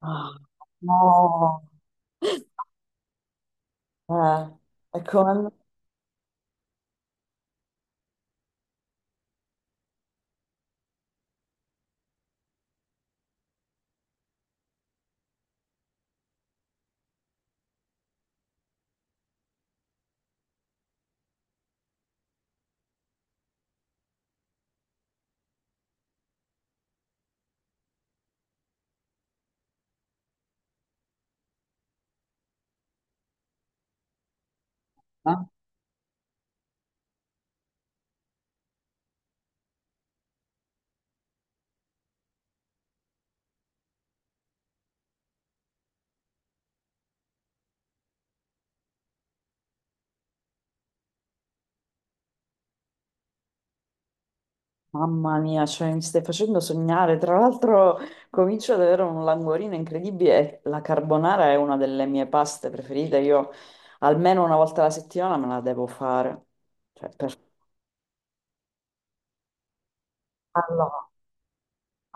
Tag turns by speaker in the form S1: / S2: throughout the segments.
S1: Ah, no, eh, è come- eh, mamma mia, cioè, mi stai facendo sognare. Tra l'altro, comincio ad avere un languorino incredibile. La carbonara è una delle mie paste preferite. Io almeno una volta alla settimana me la devo fare. Cioè, per farla.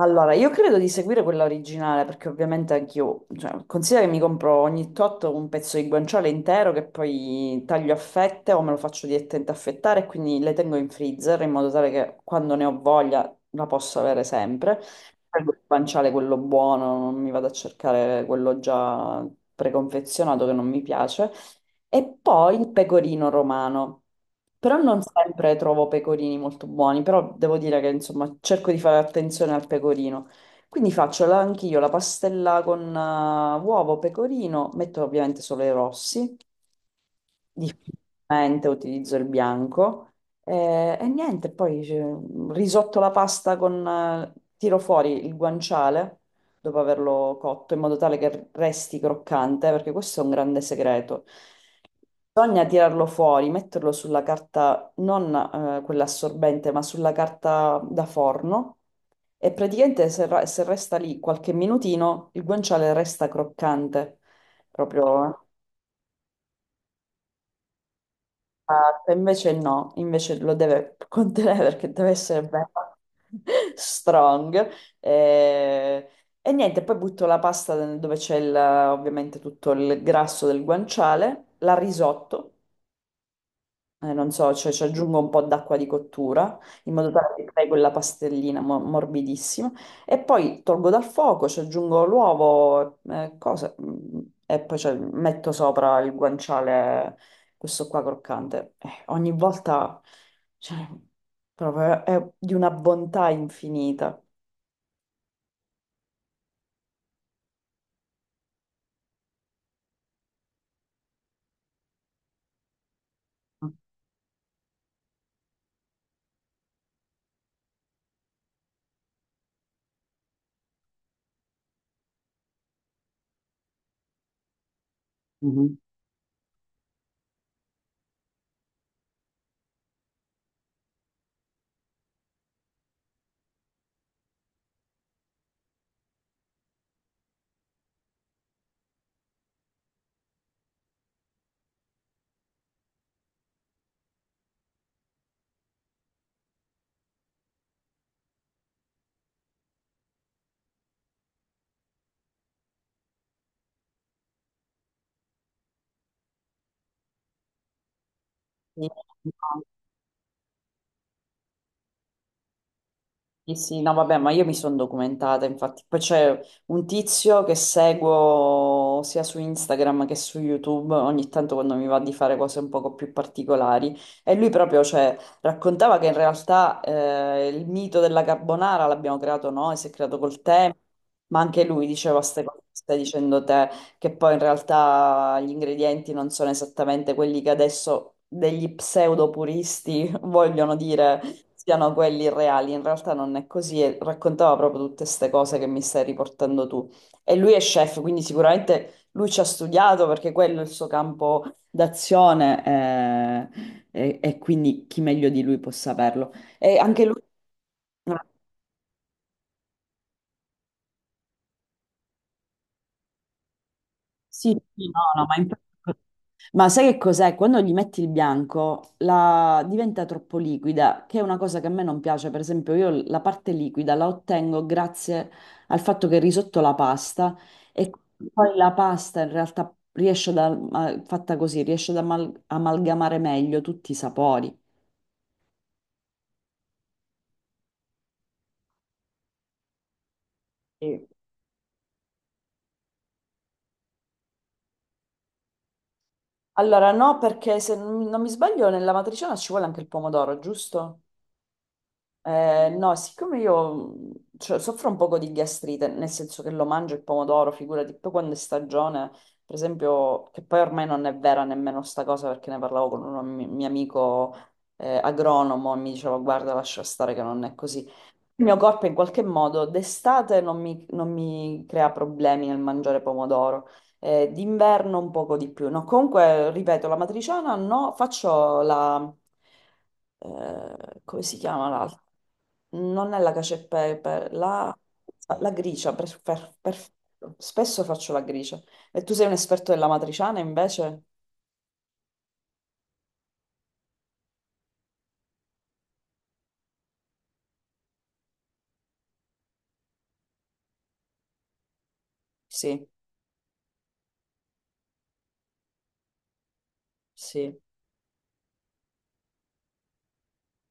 S1: Allora, io credo di seguire quella originale perché ovviamente anch'io, cioè, considera che mi compro ogni tot un pezzo di guanciale intero che poi taglio a fette o me lo faccio direttamente affettare e quindi le tengo in freezer in modo tale che quando ne ho voglia la posso avere sempre. Prendo il guanciale quello buono, non mi vado a cercare quello già preconfezionato che non mi piace. E poi il pecorino romano. Però non sempre trovo pecorini molto buoni, però devo dire che insomma cerco di fare attenzione al pecorino. Quindi faccio la- anch'io la pastella con uovo, pecorino, metto ovviamente solo i rossi, difficilmente utilizzo il bianco e niente, poi cioè, risotto la pasta con, tiro fuori il guanciale dopo averlo cotto in modo tale che resti croccante, perché questo è un grande segreto. Bisogna tirarlo fuori, metterlo sulla carta, non quella assorbente, ma sulla carta da forno e praticamente se, ra- se resta lì qualche minutino il guanciale resta croccante, proprio. Esatto, invece no, invece lo deve contenere perché deve essere bello, strong. E, e niente, poi butto la pasta dove c'è il- ovviamente tutto il grasso del guanciale, la risotto non so, cioè ci aggiungo un po' d'acqua di cottura in modo tale che crei quella pastellina mo- morbidissima e poi tolgo dal fuoco, ci aggiungo l'uovo, e poi ci metto sopra il guanciale, questo qua croccante. Ogni volta, cioè, proprio è di una bontà infinita. Mhm. Sì. No. Sì, sì, no, vabbè, ma io mi sono documentata, infatti. Poi c'è un tizio che seguo sia su Instagram che su YouTube, ogni tanto quando mi va di fare cose un poco più particolari. E lui proprio, cioè, raccontava che in realtà il mito della carbonara l'abbiamo creato noi, si è creato col tempo, ma anche lui diceva queste cose che stai dicendo te, che poi in realtà gli ingredienti non sono esattamente quelli che adesso degli pseudo puristi vogliono dire siano quelli reali, in realtà non è così e raccontava proprio tutte queste cose che mi stai riportando tu. E lui è chef, quindi sicuramente lui ci ha studiato perché quello è il suo campo d'azione e quindi chi meglio di lui può saperlo. E anche lui... Sì, sì, no, no, ma infatti... Ma sai che cos'è? Quando gli metti il bianco la- diventa troppo liquida, che è una cosa che a me non piace. Per esempio, io la parte liquida la ottengo grazie al fatto che risotto la pasta e poi la pasta in realtà riesce da, a- fatta così, riesce ad amal- amalgamare meglio tutti i sapori. Sì. Allora, no, perché se non mi sbaglio, nella matriciana ci vuole anche il pomodoro, giusto? No, siccome io cioè, soffro un poco di gastrite, nel senso che lo mangio il pomodoro, figurati, poi quando è stagione, per esempio, che poi ormai non è vera nemmeno sta cosa perché ne parlavo con un mi- mio amico agronomo e mi diceva guarda, lascia stare che non è così. Il mio corpo in qualche modo d'estate non mi crea problemi nel mangiare pomodoro, d'inverno un poco di più. No, comunque, ripeto, la matriciana no, faccio la... come si chiama l'altra? Non è la cacio e pepe, la, la gricia, per- perfetto. Spesso faccio la gricia. E tu sei un esperto della matriciana invece? Sì, sì,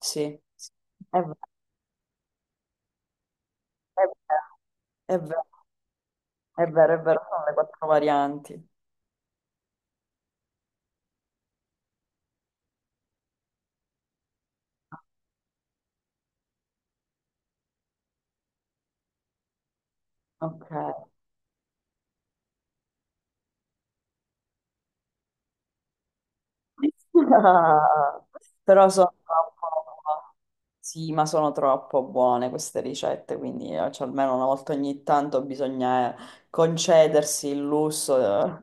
S1: sì. È vero, è vero, è vero. È vero, è vero, sono le quattro varianti. Ok. Però sono troppo... Sì, ma sono troppo buone queste ricette, quindi cioè, almeno una volta ogni tanto bisogna concedersi il lusso. Eh.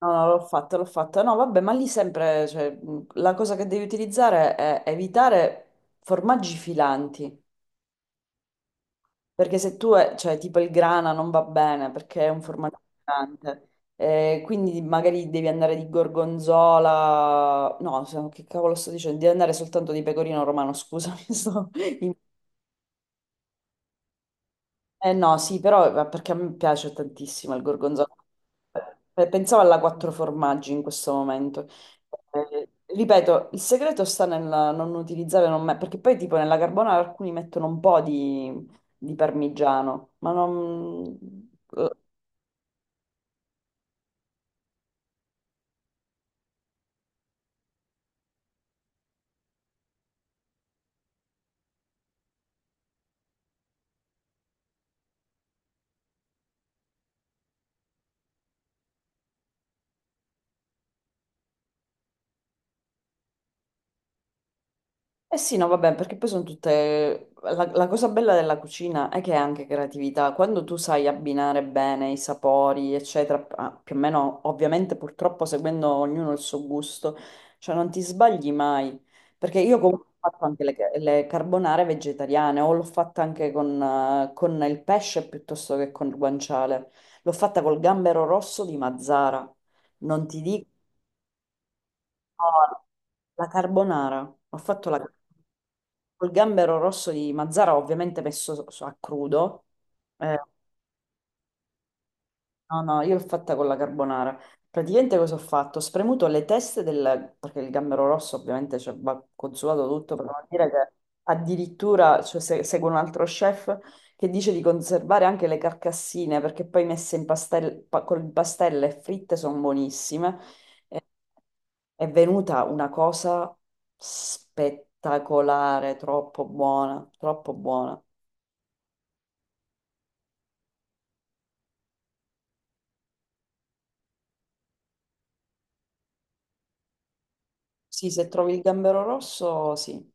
S1: No, no, l'ho fatto, l'ho fatto. No, vabbè, ma lì sempre, cioè, la cosa che devi utilizzare è evitare formaggi filanti. Perché se tu, cioè tipo il grana non va bene perché è un formaggio pesante. Quindi magari devi andare di gorgonzola, no, se- che cavolo sto dicendo? Devi andare soltanto di pecorino romano, scusami, sto no, sì, però ma perché a me piace tantissimo il gorgonzola. Pensavo alla quattro formaggi in questo momento. Eh, ripeto, il segreto sta nel non utilizzare, non me- perché poi tipo nella carbonara alcuni mettono un po' di parmigiano, ma non... Eh sì, no, vabbè, perché poi sono tutte... La, la cosa bella della cucina è che è anche creatività. Quando tu sai abbinare bene i sapori, eccetera, ah, più o meno, ovviamente, purtroppo, seguendo ognuno il suo gusto, cioè non ti sbagli mai. Perché io comunque ho fatto anche le carbonare vegetariane, o l'ho fatta anche con il pesce piuttosto che con il guanciale. L'ho fatta col gambero rosso di Mazzara. Non ti dico... No, la carbonara. Ho fatto la... carbonara. Col gambero rosso di Mazzara, ovviamente messo so- so- a crudo. Eh, no, no, io l'ho fatta con la carbonara. Praticamente cosa ho fatto? Ho spremuto le teste del... perché il gambero rosso ovviamente cioè, va consumato tutto, per non dire che addirittura cioè, se- seguo un altro chef che dice di conservare anche le carcassine perché poi messe in pastel... pa- con il pastello e fritte sono buonissime. Eh, È venuta una cosa spettacolare, troppo buona, troppo buona. Sì, se trovi il gambero rosso, sì.